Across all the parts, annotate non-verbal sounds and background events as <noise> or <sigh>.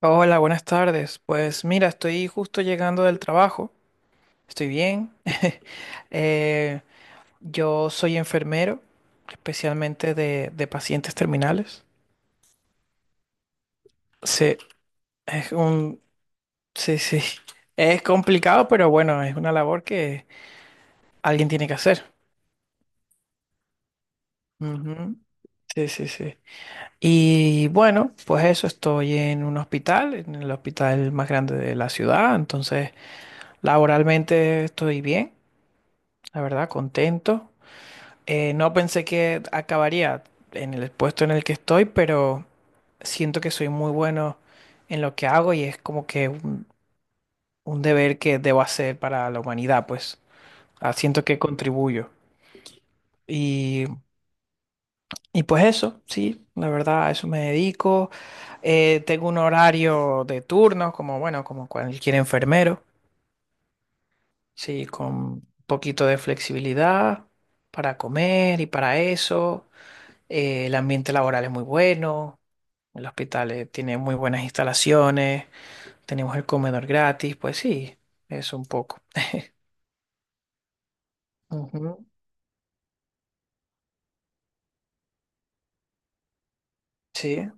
Hola, buenas tardes. Pues mira, estoy justo llegando del trabajo. Estoy bien. <laughs> Eh, yo soy enfermero, especialmente de pacientes terminales. Sí, es un, sí, sí. <laughs> Es complicado, pero bueno, es una labor que alguien tiene que hacer. Ujú. Sí, sí, sí. Y bueno, pues eso, estoy en un hospital, en el hospital más grande de la ciudad, entonces laboralmente estoy bien, la verdad, contento. No pensé que acabaría en el puesto en el que estoy, pero siento que soy muy bueno en lo que hago y es como que un deber que debo hacer para la humanidad, pues. Ah, siento que contribuyo. Y, y pues eso, sí, la verdad, a eso me dedico. Tengo un horario de turnos, como bueno, como cualquier enfermero, sí, con un poquito de flexibilidad para comer y para eso. El ambiente laboral es muy bueno. El hospital tiene muy buenas instalaciones, tenemos el comedor gratis, pues sí, eso un poco. <laughs> Ujú. Sí,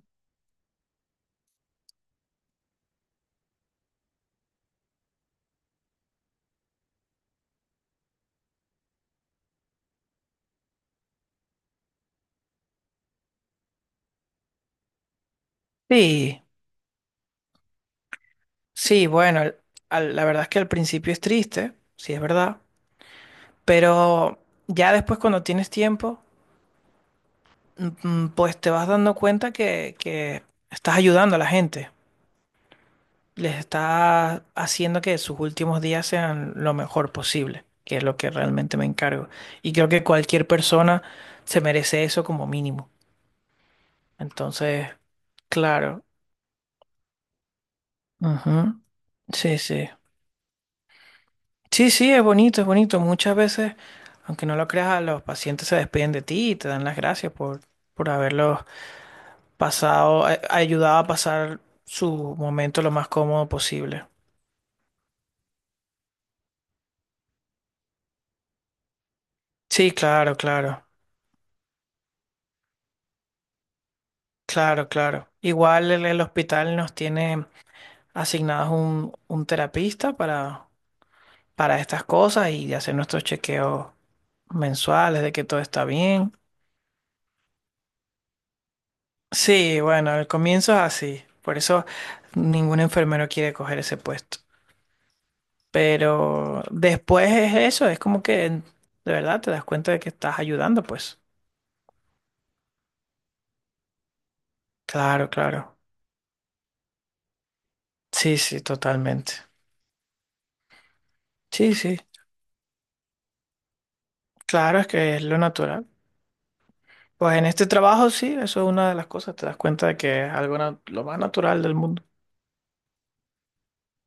sí, sí, bueno, la verdad es que al principio es triste, sí es verdad, pero ya después cuando tienes tiempo, pues te vas dando cuenta que estás ayudando a la gente, les estás haciendo que sus últimos días sean lo mejor posible, que es lo que realmente me encargo. Y creo que cualquier persona se merece eso como mínimo. Entonces, claro. Ujú. Sí, sí. Sí, sí, es bonito, es bonito. Muchas veces, aunque no lo creas, los pacientes se despiden de ti y te dan las gracias por haberlos pasado, ayudado a pasar su momento lo más cómodo posible. Sí, claro, claro, claro, claro. Igual el hospital nos tiene asignados un terapista para estas cosas y hacer nuestros chequeos mensuales de que todo está bien. Sí, bueno, al comienzo es así. Por eso ningún enfermero quiere coger ese puesto. Pero después es eso, es como que de verdad te das cuenta de que estás ayudando, pues. Claro, claro. Sí, sí, totalmente. Sí, sí. Claro, es que es lo natural. Pues en este trabajo sí, eso es una de las cosas. Te das cuenta de que es algo lo más natural del mundo.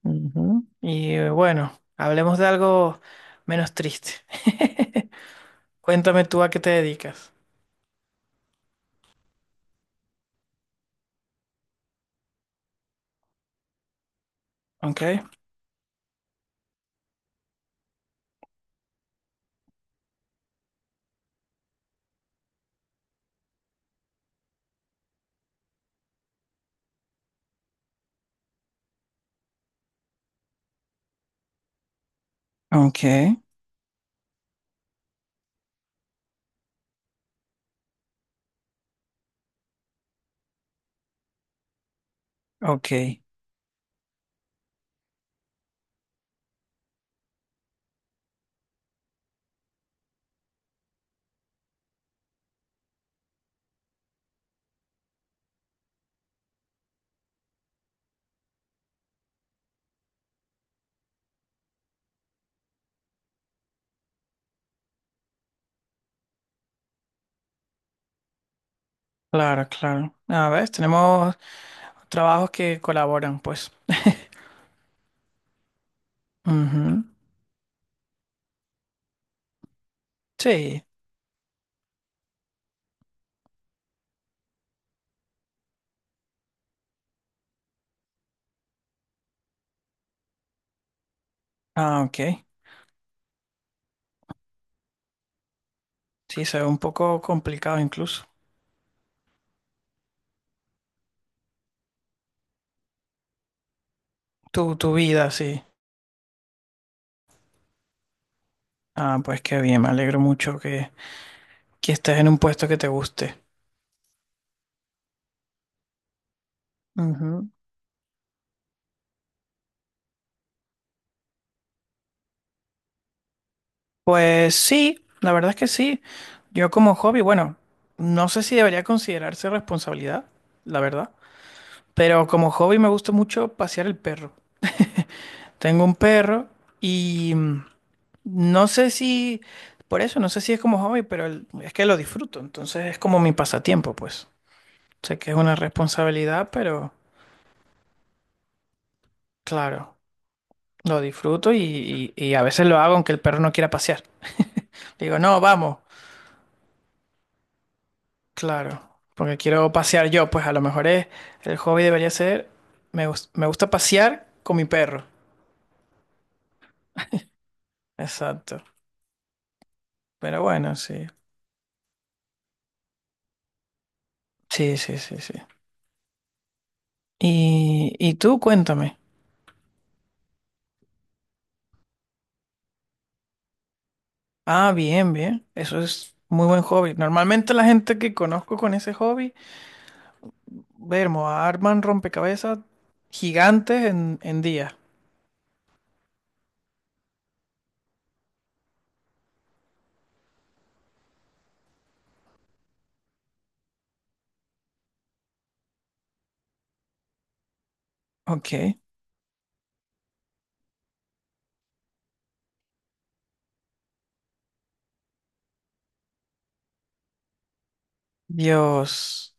Ujú. Y bueno, hablemos de algo menos triste. <laughs> Cuéntame tú a qué te dedicas. Ok. Ok. Ok, claro, claro. A ver, tenemos trabajos que colaboran, pues. <laughs> Ujú. Sí, ah, ok. Sí, se ve un poco complicado incluso. Tu vida, sí. Ah, pues qué bien, me alegro mucho que estés en un puesto que te guste. Ujú. Pues sí, la verdad es que sí. Yo como hobby, bueno, no sé si debería considerarse responsabilidad, la verdad, pero como hobby me gusta mucho pasear el perro. Tengo un perro y... mm, no sé si, por eso, no sé si es como hobby, pero es que lo disfruto, entonces es como mi pasatiempo, pues. Sé que es una responsabilidad, pero claro, lo disfruto y, y a veces lo hago aunque el perro no quiera pasear. Le digo, no, vamos, claro, porque quiero pasear yo, pues a lo mejor es, el hobby debería ser, me gusta pasear con mi perro. Exacto, pero bueno, sí, sí, sí, sí, sí. Y tú cuéntame. Ah, bien, bien. Eso es muy buen hobby. Normalmente la gente que conozco con ese hobby, vermo, arman rompecabezas gigantes en días. Ok. Dios.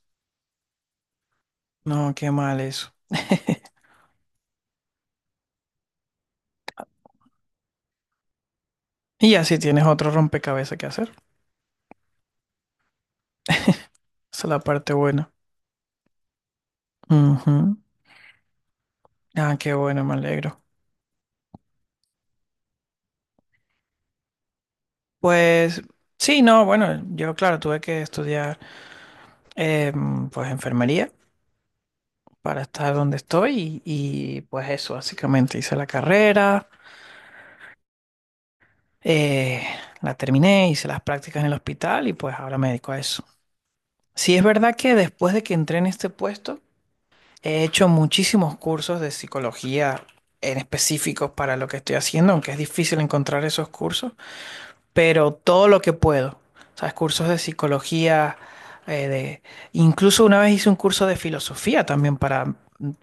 No, qué mal eso. <laughs> Y así tienes otro rompecabezas que hacer. Esa es la parte buena. Ujú. Ah, qué bueno, me alegro. Pues sí, no, bueno, yo claro, tuve que estudiar pues enfermería para estar donde estoy y, pues eso, básicamente hice la carrera. Eh, la terminé, hice las prácticas en el hospital y pues ahora me dedico a eso. Sí, es verdad que después de que entré en este puesto, he hecho muchísimos cursos de psicología en específicos para lo que estoy haciendo, aunque es difícil encontrar esos cursos, pero todo lo que puedo. O sea, cursos de psicología, de... incluso una vez hice un curso de filosofía también para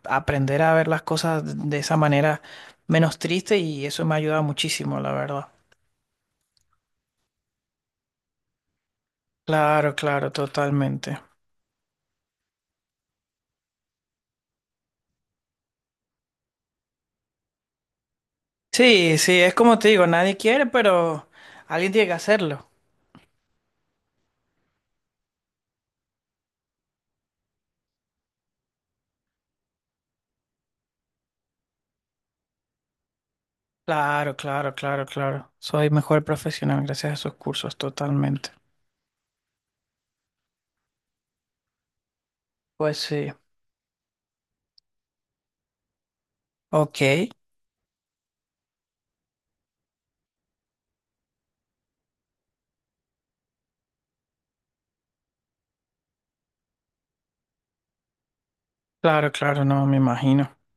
aprender a ver las cosas de esa manera menos triste y eso me ha ayudado muchísimo, la verdad. Claro, claro, totalmente. Sí, sí, es como te digo, nadie quiere, pero alguien tiene que hacerlo. Claro, claro, claro, claro. Soy mejor profesional gracias a esos cursos, totalmente. Pues sí. Ok. Claro, claro, no, me imagino. <laughs>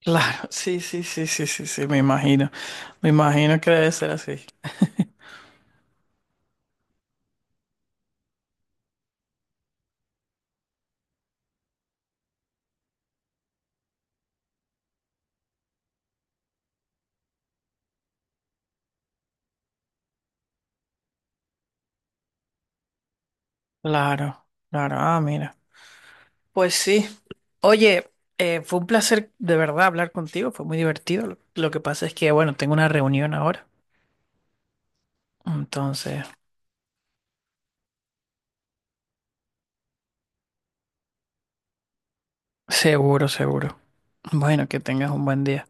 Claro, sí, sí, sí, sí, sí, sí, me imagino. Me imagino que debe ser así. <laughs> Claro, claro, ah, mira. Pues sí. Oye, fue un placer de verdad hablar contigo, fue muy divertido. Lo que pasa es que, bueno, tengo una reunión ahora. Entonces, seguro, seguro. Bueno, que tengas un buen día.